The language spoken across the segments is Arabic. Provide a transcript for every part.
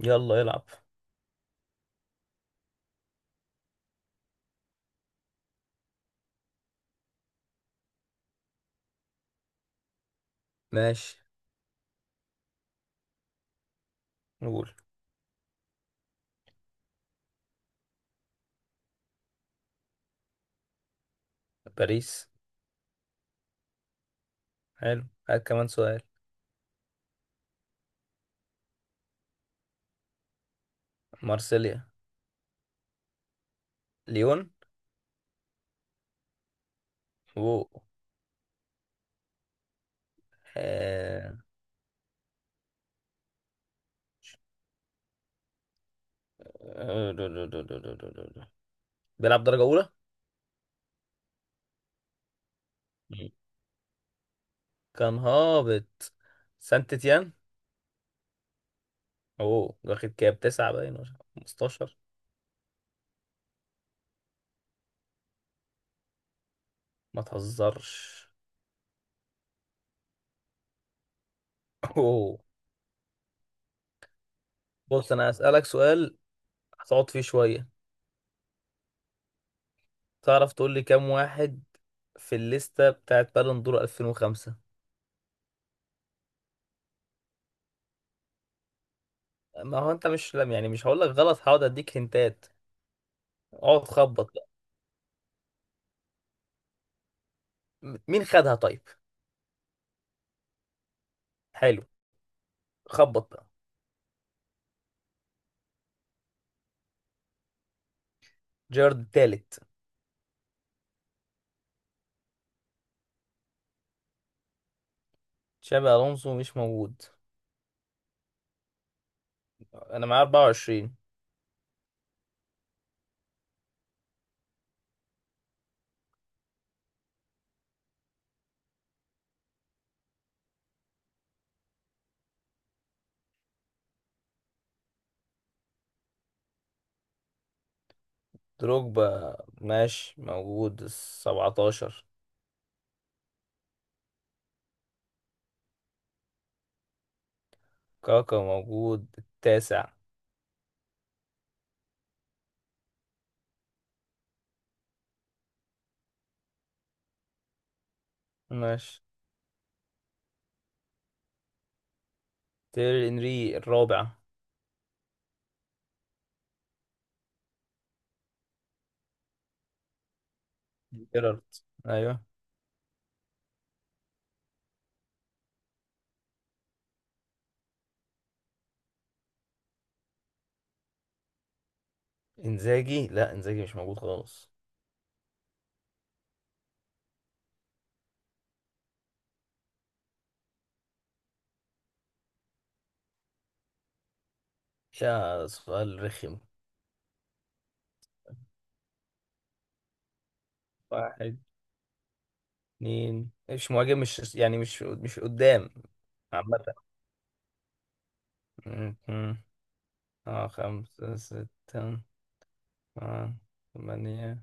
يلا يلعب. ماشي. نقول. باريس. حلو، هات كمان سؤال. مارسيليا. ليون و آه، بيلعب درجة أولى. مم. كان هابط. سانت تيان. أوه، واخد كام؟ تسعة باين ولا 15؟ ما تهزرش. أوه. بص، أنا هسألك سؤال هتقعد فيه شوية. تعرف تقول لي كام واحد في الليستة بتاعت بالون دور 2005؟ ما هو أنت مش لم يعني مش هقول لك غلط، هقعد أديك هنتات. اقعد خبط بقى. مين خدها طيب؟ حلو، خبط بقى. جيرارد التالت. تشابي الونسو مش موجود. انا معايا 24. دروجبا ماشي موجود ال 17. كاكا موجود التاسع. ماشي. تيري انري الرابع. جيرارد، ايوه. انزاجي، لا، انزاجي مش موجود خالص. يا سؤال رخم! واحد، اتنين مش مهاجم، مش يعني مش قدام عامة. م- م. اه، خمسة، ستة، اه، ثمانية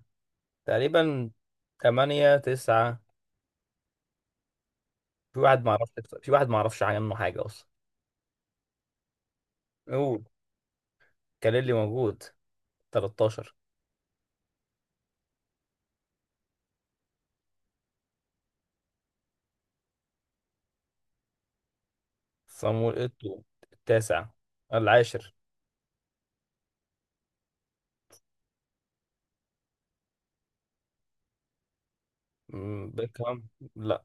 تقريبا، ثمانية تسعة. في واحد ما اعرفش، في واحد ما اعرفش عنه حاجة اصلا. قول. كاليلي موجود 13. صامويل ايتو التاسع. العاشر. مم، بيكهام لا.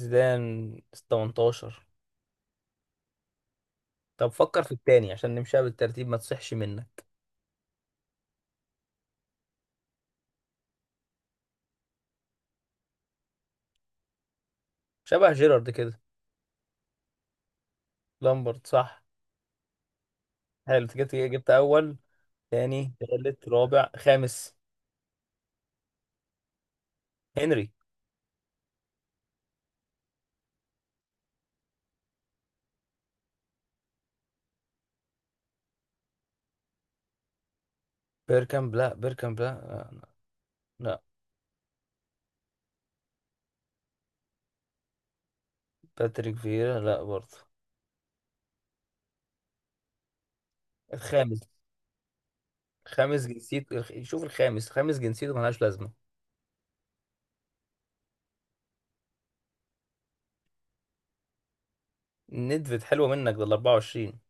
زيدان 18. طب فكر في التاني عشان نمشيها بالترتيب ما تصحش منك. شبه جيرارد كده. لامبرد صح. حلو، أنت جبت اول. تاني، تالت، رابع، خامس. هنري. بيركامب لا، بيركامب لا. لا. لا. باتريك فييرا لا برضه. الخامس. شوف الخامس، خامس جنسيته ملهاش لازمة. ندفد حلوة منك، ده ال 24.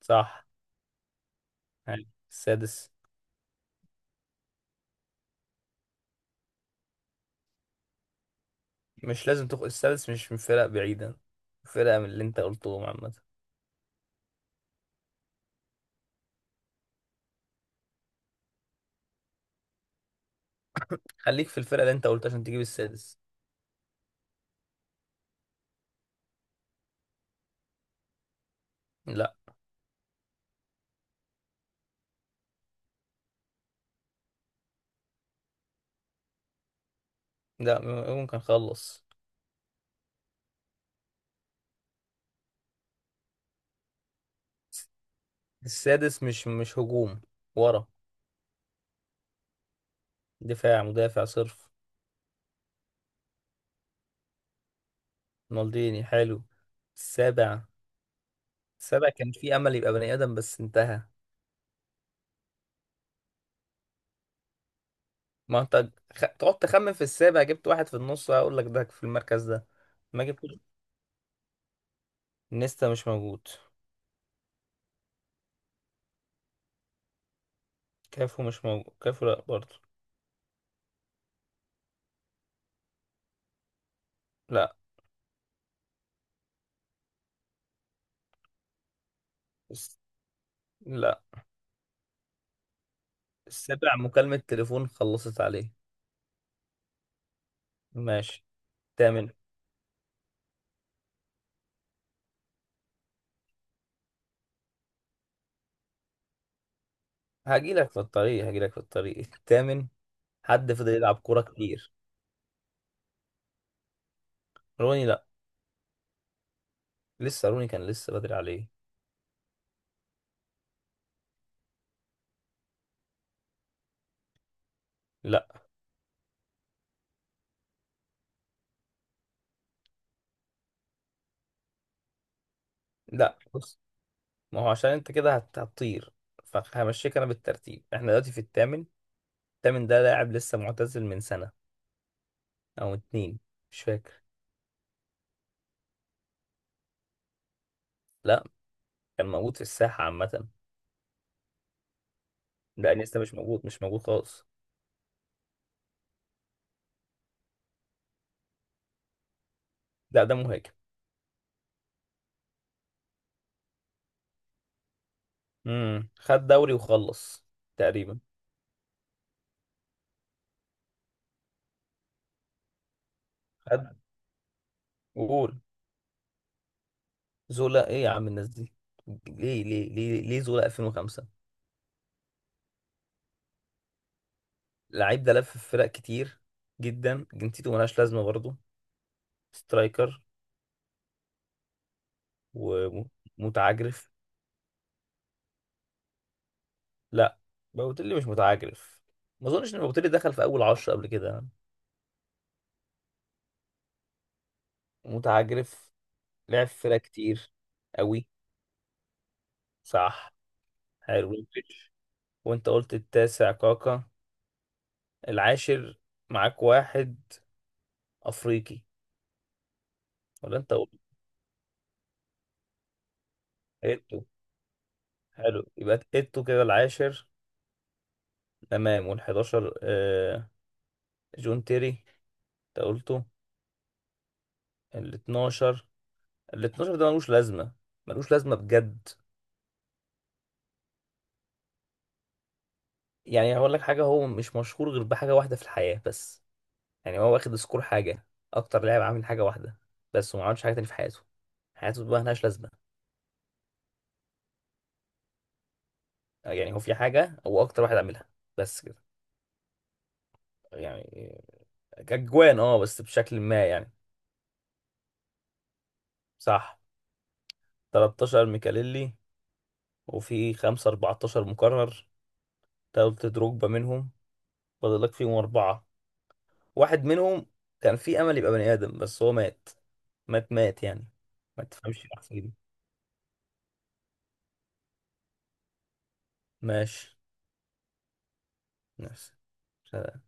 صح. يعني السادس. مش لازم تخ... السادس مش من فرق بعيدة، فرقة من اللي انت قلتهم عامة. خليك في الفرقة اللي انت قلتها عشان تجيب السادس. لا. ممكن خلص. السادس مش هجوم، ورا. دفاع، مدافع صرف. مالديني، حلو. السابع. السابع كان في امل يبقى بني ادم بس انتهى. ما انت خ... تقعد تخمن في السابع، جبت واحد في النص هقول لك ده في المركز ده. ما جبتش. نيستا مش موجود. كافو مش موجود، كافو لا برضه. لا. الس- لا. السابع مكالمة تليفون خلصت عليه. ماشي. الثامن. هجيلك في الطريق الثامن. حد فضل يلعب كورة كتير. روني لا، لسه روني كان لسه بدري عليه. لا. لا بص، ما هو عشان انت كده هتطير، فهمشيك انا بالترتيب. احنا دلوقتي في الثامن. تامن ده لاعب لسه معتزل من سنة أو اتنين، مش فاكر. لا، كان موجود في الساحة عامة. لا لسه مش موجود، مش موجود خالص. لا ده مهاجم. امم، خد دوري وخلص تقريبا. خد وقول. زولا؟ ايه يا عم الناس دي؟ ليه ليه زولا 2005؟ اللعيب ده لف في فرق كتير جدا، جنسيته ملهاش لازمة برضه. سترايكر ومتعجرف. لا، بوتيلي مش متعجرف، ما اظنش ان بوتيلي دخل في اول عشرة قبل كده. متعجرف، لعب في فرق كتير. قوي، صح. حلو، مودريتش. وانت قلت التاسع كاكا. العاشر معاك واحد افريقي. ولا انت قلت؟ ايتو. حلو، يبقى ايتو كده العاشر. تمام. وال11، آه، جون تيري، انت قلته. ال12، ال12 ده ملوش لازمه، ملوش لازمه بجد. يعني هقول لك حاجه، هو مش مشهور غير بحاجه واحده في الحياه بس. يعني هو واخد سكور حاجه، اكتر لاعب عامل حاجه واحده بس، وما عملش حاجه تاني في حياته. حياته بقى ملهاش لازمه. يعني هو في حاجة هو أكتر واحد عاملها بس كده. يعني كجوان اه بس بشكل ما يعني. صح. 13 ميكاليلي. وفي 5 14 مكرر، تلت دروجبا منهم. فاضل لك فيهم أربعة. واحد منهم كان في أمل يبقى بني آدم بس هو مات، مات يعني. ما تفهمش الأحسن دي. ماشي. ماشي.